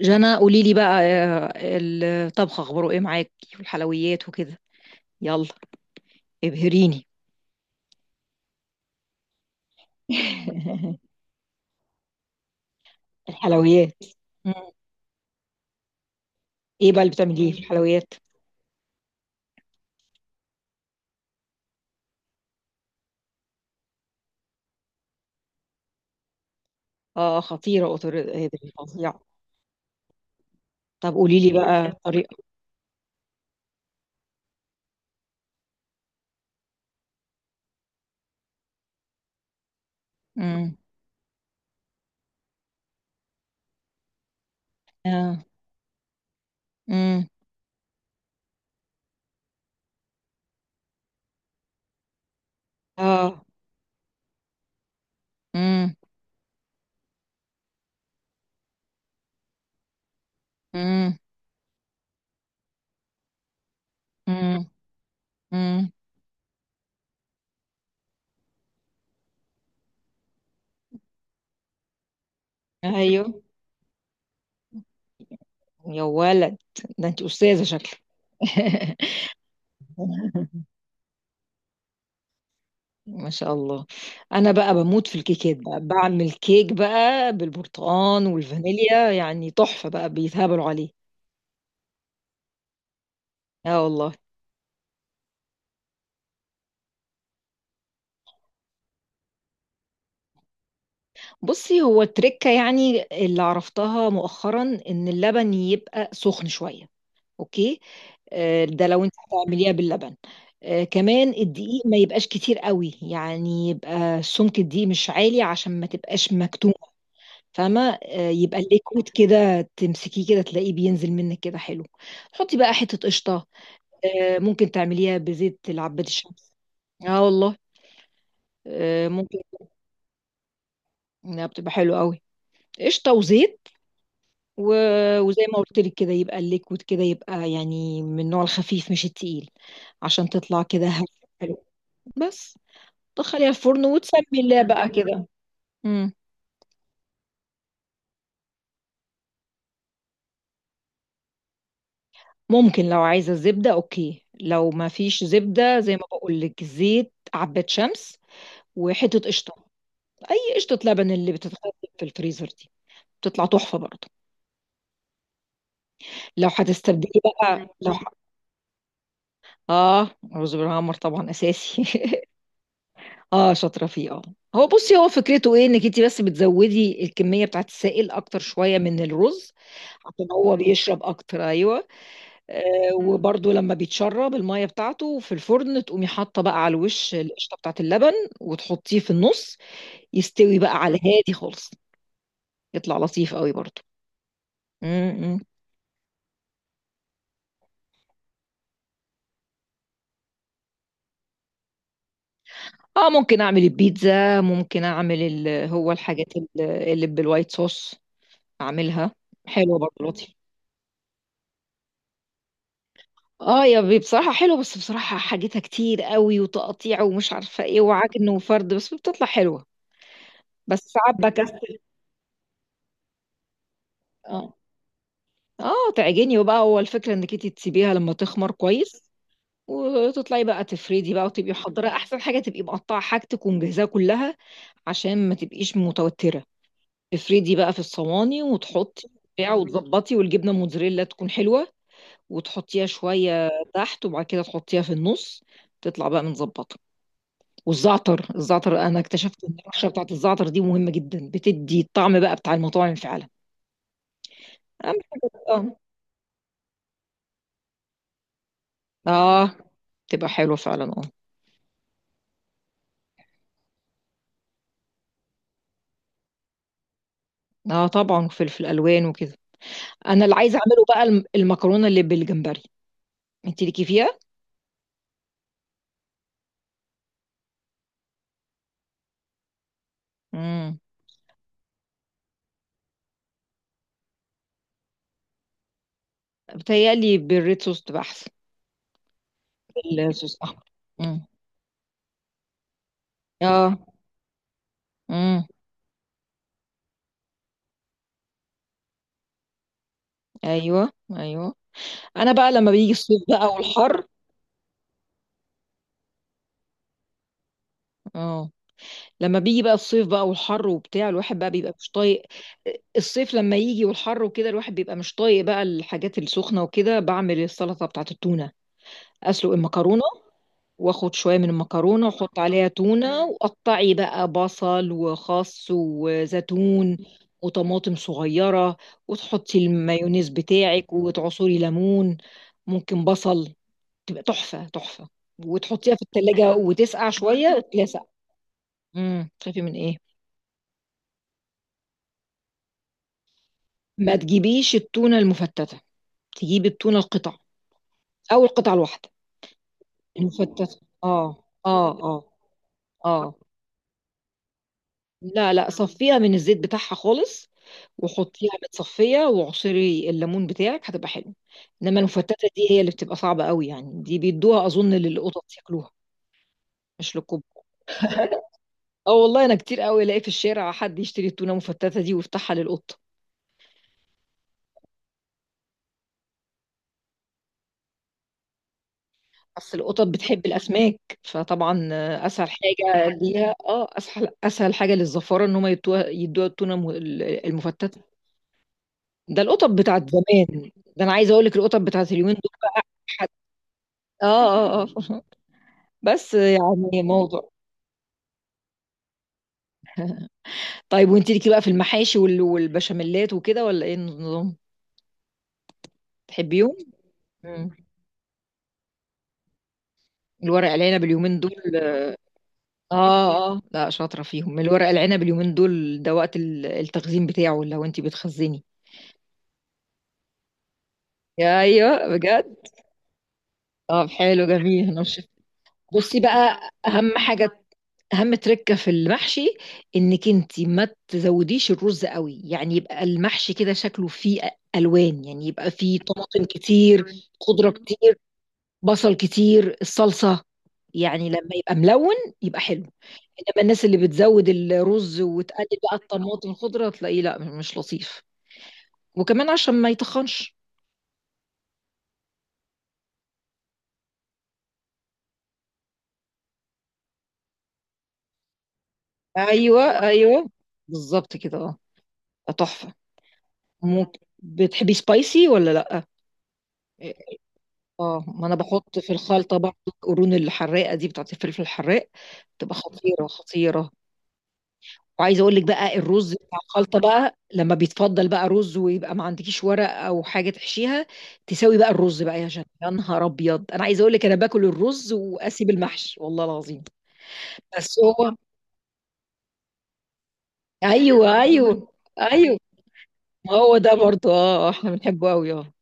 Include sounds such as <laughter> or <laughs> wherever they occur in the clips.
جنى، قولي لي بقى الطبخ اخباره ايه معاكي والحلويات وكده؟ يلا ابهريني. <laughs> الحلويات. مم. ايه بقى اللي بتعمليه في الحلويات؟ اه، خطيره قطر هذه، فظيعه. طب قولي لي بقى الطريقه. مم. آه. مم. اه. مم. مم. مم. مم. ايوه. يا ولد، ده انت استاذه شكلك! <laughs> ما شاء الله. انا بقى بموت في الكيكات، بقى بعمل كيك بقى بالبرتقال والفانيليا يعني تحفة، بقى بيتهبلوا عليه. اه والله. بصي، هو التركة يعني اللي عرفتها مؤخرا ان اللبن يبقى سخن شوية. اوكي. ده لو انت هتعمليها باللبن. كمان الدقيق ما يبقاش كتير قوي، يعني يبقى سمك الدقيق مش عالي عشان ما تبقاش مكتومة. فاهمة؟ يبقى الليكويد كده تمسكيه كده تلاقيه بينزل منك كده حلو. حطي بقى حتة قشطة. ممكن تعمليها بزيت العباد الشمس. اه والله. ممكن، انها بتبقى حلوة قوي. قشطة وزيت و... وزي ما قلت لك كده يبقى الليكويد كده يبقى يعني من النوع الخفيف مش التقيل. عشان تطلع كده حلو بس. تدخليها الفرن وتسمي الله بقى كده. مم. ممكن، لو عايزة زبدة اوكي، لو ما فيش زبدة زي ما بقول لك زيت عباد شمس وحتة قشطة. أي قشطة، لبن اللي بتتخزن في الفريزر دي، بتطلع تحفة برضه. لو هتستبدلي بقى، لو اه، رز بالعمر طبعا أساسي. <laughs> اه، شاطرة فيه اه. هو بصي، هو فكرته ايه انك انت بس بتزودي الكمية بتاعت السائل اكتر شوية من الرز. عشان هو بيشرب اكتر، ايوه. وبرده لما بيتشرب الميه بتاعته في الفرن، تقومي حاطه بقى على الوش القشطه بتاعت اللبن، وتحطيه في النص، يستوي بقى على الهادي خالص، يطلع لطيف قوي برده. اه، ممكن اعمل البيتزا، ممكن اعمل هو الحاجات اللي بالوايت صوص اعملها. حلوه برضه لطيف. اه يا بي، بصراحه حلوه بس بصراحه حاجتها كتير قوي، وتقطيع ومش عارفه ايه وعجن وفرد، بس بتطلع حلوه. بس ساعات بكسل. اه اه، تعجني وبقى هو الفكره انك انت تسيبيها لما تخمر كويس، وتطلعي بقى تفردي بقى، وتبقي محضره احسن حاجه، تبقي مقطعه حاجتك ومجهزاها كلها. عشان ما تبقيش متوتره. تفردي بقى في الصواني وتحطي بتاع وتظبطي، والجبنه موتزاريلا تكون حلوه، وتحطيها شويه تحت وبعد كده تحطيها في النص، تطلع بقى متظبطه. والزعتر، الزعتر انا اكتشفت ان الرشه بتاعت الزعتر دي مهمه جدا، بتدي الطعم بقى بتاع المطاعم فعلا. اهم حاجه، اه. اه، تبقى حلوه فعلا اه. اه طبعا، وفلفل الوان وكده. انا اللي عايزه اعمله بقى المكرونه اللي بالجمبري. انت ليكي فيها؟ امم، بتهيألي بالريد صوص تبقى احسن. الصوص احمر. امم. اه. امم. ايوه. ايوه. انا بقى لما بيجي الصيف بقى والحر. اه، لما بيجي بقى الصيف بقى والحر وبتاع، الواحد بقى بيبقى مش طايق. الصيف لما يجي والحر وكده، الواحد بيبقى مش طايق بقى الحاجات السخنه وكده، بعمل السلطه بتاعت التونه. اسلق المكرونه، واخد شويه من المكرونه واحط عليها تونه، وقطعي بقى بصل وخس وزيتون وطماطم صغيره، وتحطي المايونيز بتاعك وتعصري ليمون. ممكن بصل، تبقى تحفة تحفة. وتحطيها في التلاجة وتسقع شوية تلاسع. امم، تخافي من ايه؟ ما تجيبيش التونة المفتتة، تجيبي التونة القطع او القطع الواحدة. المفتتة، اه اه اه. اه. لا لا، صفيها من الزيت بتاعها خالص، وحطيها متصفية وعصري الليمون بتاعك، هتبقى حلو. انما المفتتة دي هي اللي بتبقى صعبة قوي، يعني دي بيدوها اظن للقطط ياكلوها، مش للكبار. <laughs> اه والله، انا كتير قوي الاقي في الشارع حد يشتري التونة المفتتة دي ويفتحها للقط. أصل القطط بتحب الأسماك، فطبعا أسهل حاجة ليها، اه، أسهل أسهل حاجة للزفارة إن هم يدوها يدوها التونة المفتتة. ده القطط بتاعت زمان. ده أنا عايزة أقول لك القطط بتاعت اليومين دول بقى. حد، اه اه اه. <laughs> بس يعني موضوع. طيب، وانت ليكي بقى في المحاشي والبشاميلات وكده، ولا ايه النظام؟ تحبيهم؟ مم. الورق العنب اليومين دول، اه اه، لا شاطرة فيهم. الورق العنب اليومين دول ده وقت التخزين بتاعه، لو انت بتخزني. ايوه بجد. طب حلو جميل، هنشف. بصي بقى، اهم حاجه، اهم تركه في المحشي انك انت ما تزوديش الرز قوي، يعني يبقى المحشي كده شكله فيه الوان، يعني يبقى فيه طماطم كتير، خضره كتير، بصل كتير، الصلصه، يعني لما يبقى ملون يبقى حلو. انما الناس اللي بتزود الرز وتقلل بقى الطماطم الخضره، تلاقيه لا مش لطيف، وكمان عشان ما يتخنش. ايوه ايوه، بالظبط كده، اه تحفه. ممكن، بتحبي سبايسي ولا لا؟ اه، ما انا بحط في الخلطه برضه القرون الحراقه دي بتاعت الفلفل الحراق. بتبقى خطيره خطيره. وعايزه اقول لك بقى، الرز بتاع الخلطه بقى لما بيتفضل بقى رز ويبقى ما عندكيش ورق او حاجه تحشيها، تساوي بقى الرز بقى، يا جنة يا نهار ابيض، انا عايزه اقول لك انا باكل الرز واسيب المحشي والله العظيم. بس هو، ايوه ايوه <laughs> ايوه. ما هو ده برضه اه. احنا بنحبه قوي اه.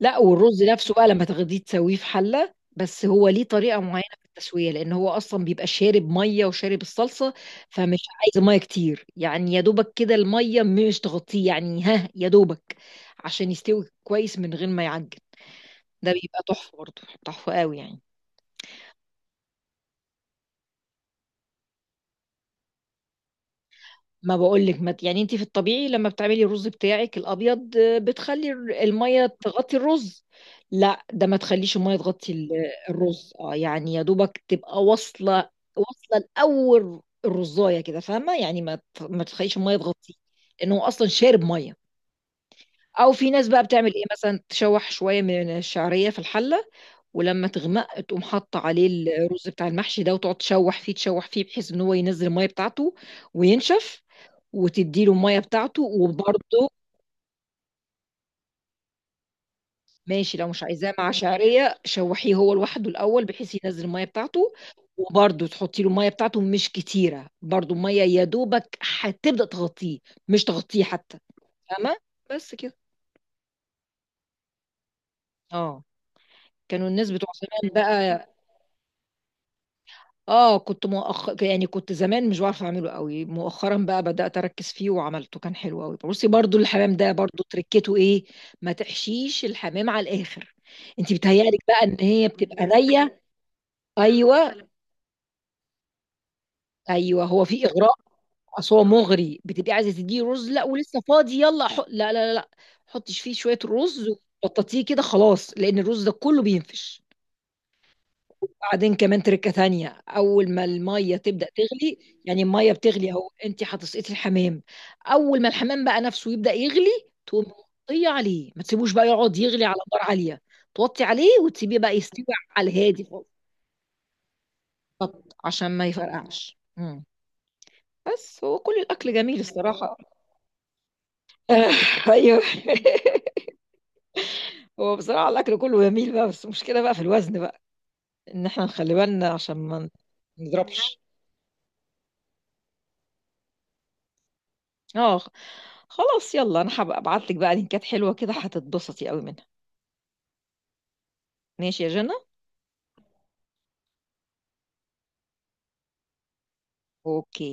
لا، والرز نفسه بقى لما تاخديه تسويه في حله، بس هو ليه طريقه معينه في التسويه لان هو اصلا بيبقى شارب ميه وشارب الصلصه. فمش عايز ميه كتير، يعني يا دوبك كده الميه مش تغطيه، يعني ها يا دوبك، عشان يستوي كويس من غير ما يعجن. ده بيبقى تحفه برضه، تحفه قوي يعني. ما بقولك، ما يعني انت في الطبيعي لما بتعملي الرز بتاعك الابيض، بتخلي الميه تغطي الرز. لا، ده ما تخليش الميه تغطي الرز، اه يعني يا دوبك تبقى واصله، واصله لاول الرزايه كده، فاهمه يعني، ما تخليش الميه تغطيه. لانه هو اصلا شارب ميه. او في ناس بقى بتعمل ايه، مثلا تشوح شويه من الشعريه في الحله، ولما تغمق تقوم حاطه عليه الرز بتاع المحشي ده، وتقعد تشوح فيه تشوح فيه بحيث ان هو ينزل الميه بتاعته وينشف، وتدي له الميه بتاعته وبرده. ماشي، لو مش عايزاه مع شعريه شوحيه هو لوحده الاول بحيث ينزل الميه بتاعته، وبرده تحطي له الميه بتاعته، مش كتيره برده، الميه يا دوبك هتبدا تغطيه، مش تغطيه حتى، فاهمه؟ بس كده. اه، كانوا الناس بتوع زمان بقى. اه، كنت يعني كنت زمان مش بعرف اعمله قوي، مؤخرا بقى بدأت اركز فيه وعملته، كان حلو قوي. بصي برضو الحمام ده برضو تركته ايه. ما تحشيش الحمام على الاخر، انت بتهيألك بقى ان هي بتبقى نية. ايوه ايوه، هو في اغراء. اصل هو مغري، بتبقي عايزه تديه رز، لا ولسه فاضي يلا حط. لا لا لا لا. حطش فيه شويه رز، وبططيه كده خلاص لان الرز ده كله بينفش. بعدين كمان تركة تانية، أول ما المية تبدأ تغلي، يعني المية بتغلي أهو، أنت هتسقطي الحمام. أول ما الحمام بقى نفسه يبدأ يغلي، تقوم توطي عليه، ما تسيبوش بقى يقعد يغلي على نار عالية. توطي عليه وتسيبيه بقى يستوي على الهادي خالص. بالظبط، عشان ما يفرقعش. مم. بس هو كل الأكل جميل الصراحة. <laughs> أيوه. <laughs> هو بصراحة الأكل كله جميل بقى، بس المشكلة بقى في الوزن بقى، إن إحنا نخلي بالنا عشان ما نضربش. اه، خلاص يلا، انا هبقى ابعت لك بقى لينكات حلوه كده هتتبسطي قوي منها. ماشي يا جنى. اوكي.